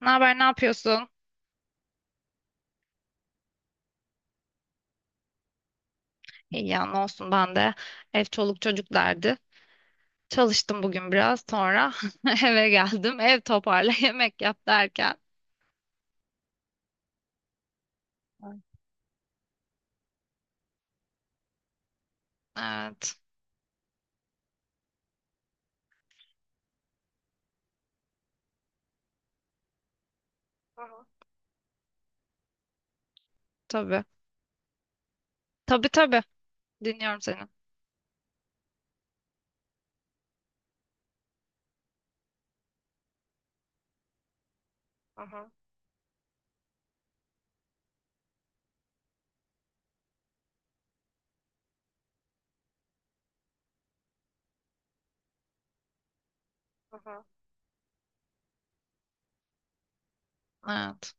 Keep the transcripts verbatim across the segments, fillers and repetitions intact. Ne haber, ne yapıyorsun? İyi ya, ne olsun ben de. Ev çoluk çocuk derdi. Çalıştım bugün biraz sonra eve geldim. Ev toparla, yemek yap derken. Evet, Hı hı, tabii. Tabii tabii. Dinliyorum seni. Hı hı, hı hı. Evet,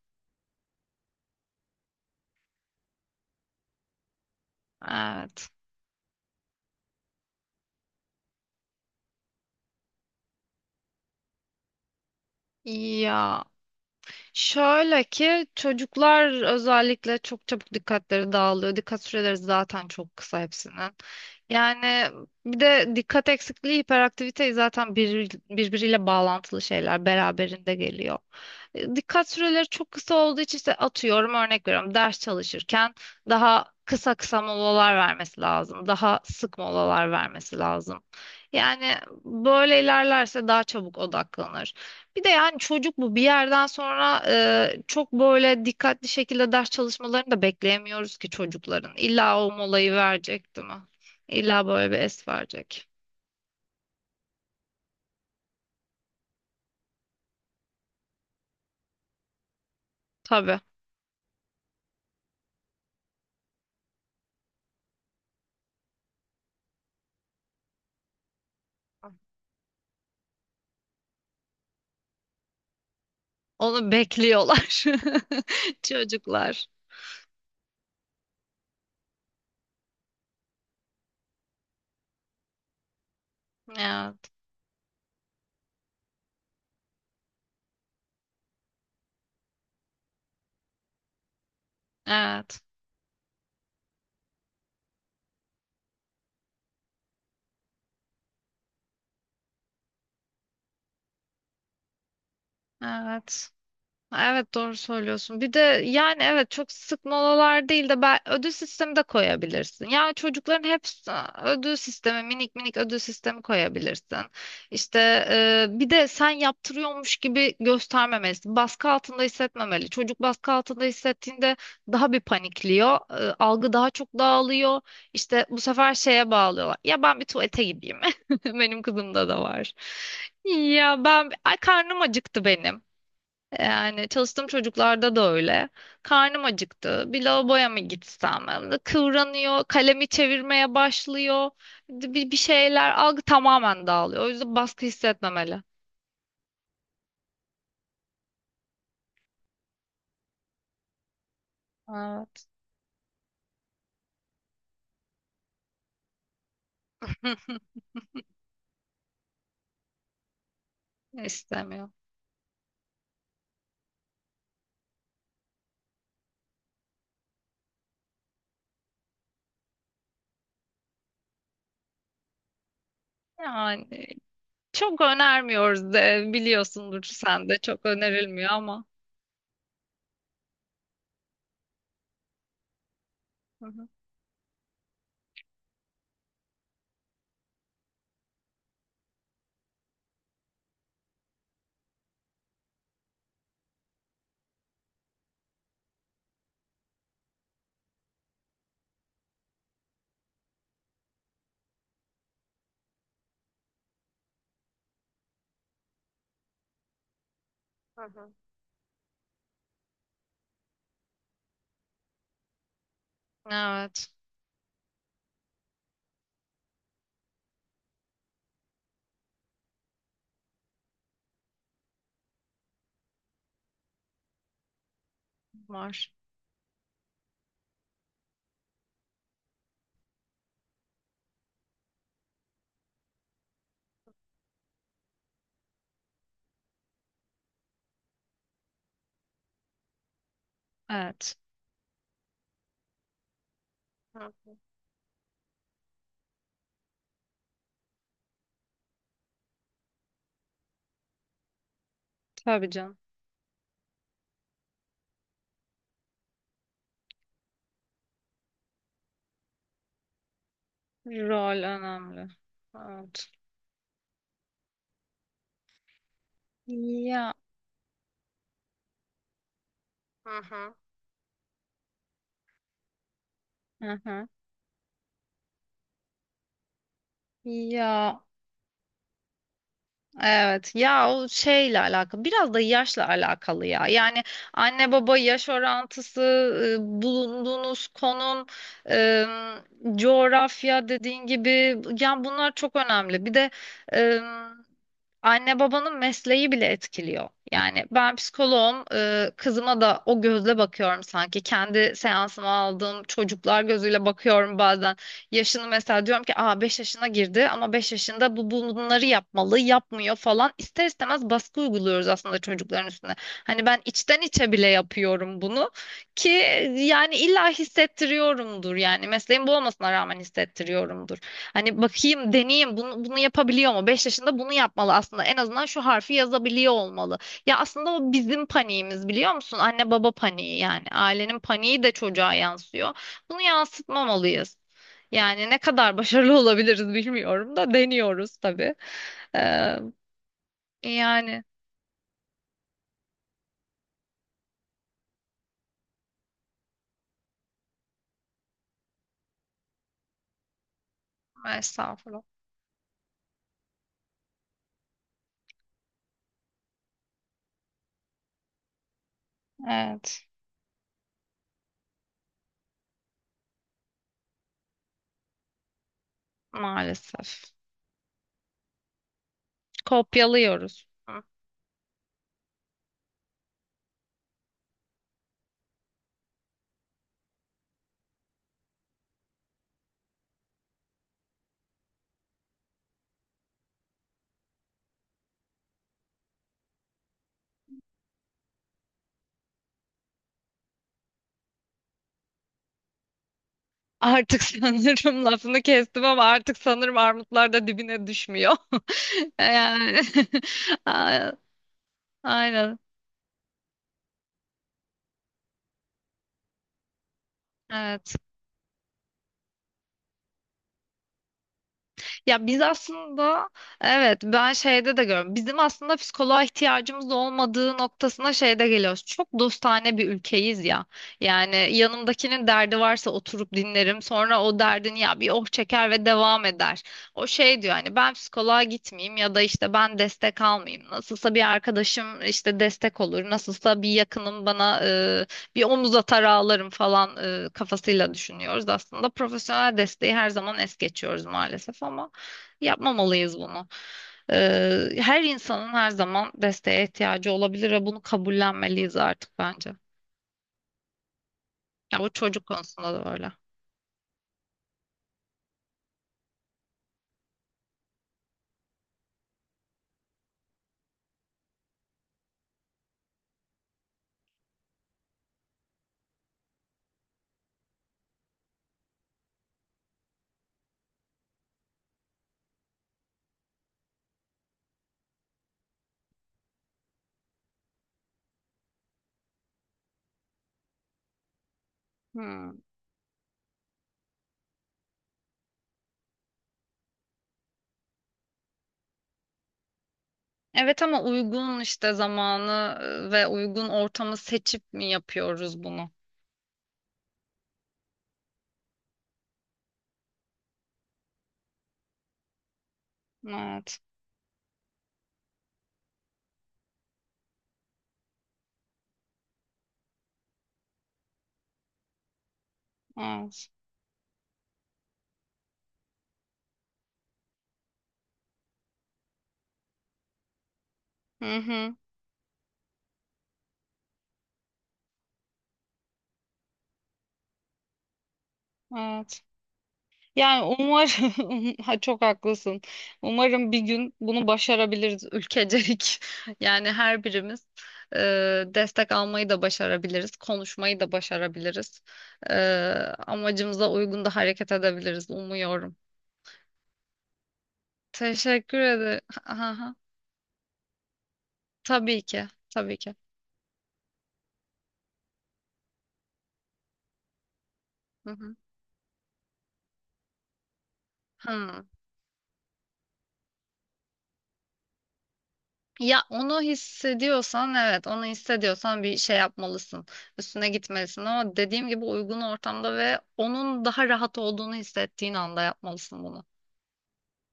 evet. İyi ya. Şöyle ki çocuklar özellikle çok çabuk dikkatleri dağılıyor. Dikkat süreleri zaten çok kısa hepsinin. Yani bir de dikkat eksikliği, hiperaktivite zaten bir, birbiriyle bağlantılı şeyler beraberinde geliyor. E, Dikkat süreleri çok kısa olduğu için işte atıyorum örnek veriyorum ders çalışırken daha kısa kısa molalar vermesi lazım. Daha sık molalar vermesi lazım. Yani böyle ilerlerse daha çabuk odaklanır. Bir de yani çocuk bu bir yerden sonra e, çok böyle dikkatli şekilde ders çalışmalarını da bekleyemiyoruz ki çocukların. İlla o molayı verecek değil mi? İlla böyle bir es verecek. Tabii. Onu bekliyorlar çocuklar. Evet, evet, evet. Evet doğru söylüyorsun. Bir de yani evet çok sık molalar değil de ben ödül sistemi de koyabilirsin. Yani çocukların hepsi ödül sistemi, minik minik ödül sistemi koyabilirsin. İşte e, bir de sen yaptırıyormuş gibi göstermemelisin. Baskı altında hissetmemeli. Çocuk baskı altında hissettiğinde daha bir panikliyor. E, algı daha çok dağılıyor. İşte bu sefer şeye bağlıyorlar. Ya ben bir tuvalete gideyim. Benim kızımda da var. Ya ben ay karnım acıktı benim. Yani çalıştığım çocuklarda da öyle. Karnım acıktı. Bir lavaboya mı gitsem? Kıvranıyor, kalemi çevirmeye başlıyor. Bir, bir şeyler algı tamamen dağılıyor. O yüzden baskı hissetmemeli. Aa, İstemiyor. Yani çok önermiyoruz de biliyorsundur sen de çok önerilmiyor ama. Hı hı. Hı hı. Evet var. Evet. Hı. Tabii canım. Rol önemli. Evet. Ya. Hı hı. Hı hı. Ya evet ya o şeyle alakalı biraz da yaşla alakalı ya yani anne baba yaş orantısı, e, bulunduğunuz konum, e, coğrafya dediğin gibi yani bunlar çok önemli. Bir de Anne babanın mesleği bile etkiliyor. Yani ben psikoloğum, e, kızıma da o gözle bakıyorum sanki. Kendi seansıma aldığım çocuklar gözüyle bakıyorum bazen. Yaşını mesela diyorum ki aa beş yaşına girdi ama beş yaşında bu bunları yapmalı, yapmıyor falan. İster istemez baskı uyguluyoruz aslında çocukların üstüne. Hani ben içten içe bile yapıyorum bunu ki yani illa hissettiriyorumdur yani mesleğim bu olmasına rağmen hissettiriyorumdur. Hani bakayım, deneyeyim, bunu, bunu yapabiliyor mu? Beş yaşında bunu yapmalı aslında. En azından şu harfi yazabiliyor olmalı. Ya aslında o bizim paniğimiz biliyor musun? Anne baba paniği yani. Ailenin paniği de çocuğa yansıyor. Bunu yansıtmamalıyız. Yani ne kadar başarılı olabiliriz bilmiyorum da deniyoruz tabii. Ee, Yani estağfurullah. Evet, maalesef. Kopyalıyoruz. Hı. Artık sanırım lafını kestim ama artık sanırım armutlar da dibine düşmüyor. Yani, a- aynen. Evet. Ya biz aslında evet ben şeyde de görüyorum. Bizim aslında psikoloğa ihtiyacımız olmadığı noktasına şeyde geliyoruz. Çok dostane bir ülkeyiz ya. Yani yanımdakinin derdi varsa oturup dinlerim. Sonra o derdin ya bir oh çeker ve devam eder. O şey diyor hani ben psikoloğa gitmeyeyim ya da işte ben destek almayayım. Nasılsa bir arkadaşım işte destek olur. Nasılsa bir yakınım bana e, bir omuz atar ağlarım falan e, kafasıyla düşünüyoruz aslında. Profesyonel desteği her zaman es geçiyoruz maalesef ama. Yapmamalıyız bunu. Ee, her insanın her zaman desteğe ihtiyacı olabilir ve bunu kabullenmeliyiz artık bence. Ya bu çocuk konusunda da öyle. Hmm. Evet ama uygun işte zamanı e, ve uygun ortamı seçip mi yapıyoruz bunu? Evet. Evet. Hı hı. Evet. Yani umarım ha, çok haklısın. Umarım bir gün bunu başarabiliriz ülkecelik. Yani her birimiz e, destek almayı da başarabiliriz, konuşmayı da başarabiliriz. E, Amacımıza uygun da hareket edebiliriz umuyorum. Teşekkür ederim. Aha, tabii ki, tabii ki. Hı hı. Hı. Ya onu hissediyorsan evet onu hissediyorsan bir şey yapmalısın. Üstüne gitmelisin ama dediğim gibi uygun ortamda ve onun daha rahat olduğunu hissettiğin anda yapmalısın bunu.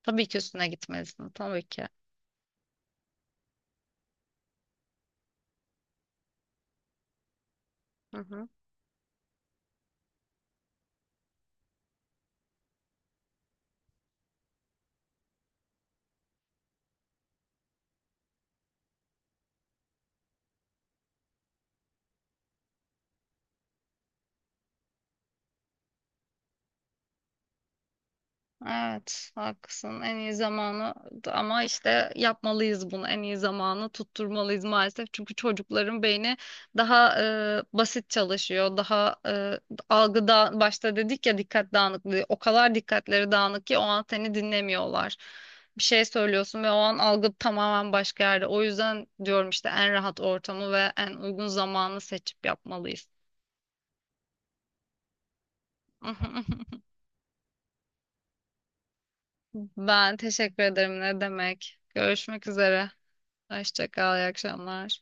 Tabii ki üstüne gitmelisin tabii ki. Hı hı. Evet, haklısın. En iyi zamanı ama işte yapmalıyız bunu. En iyi zamanı tutturmalıyız maalesef. Çünkü çocukların beyni daha e, basit çalışıyor. Daha e, algıda başta dedik ya dikkat dağınıklığı. O kadar dikkatleri dağınık ki o an seni dinlemiyorlar. Bir şey söylüyorsun ve o an algı tamamen başka yerde. O yüzden diyorum işte en rahat ortamı ve en uygun zamanı seçip yapmalıyız. Ben teşekkür ederim. Ne demek? Görüşmek üzere. Hoşça kal, iyi akşamlar.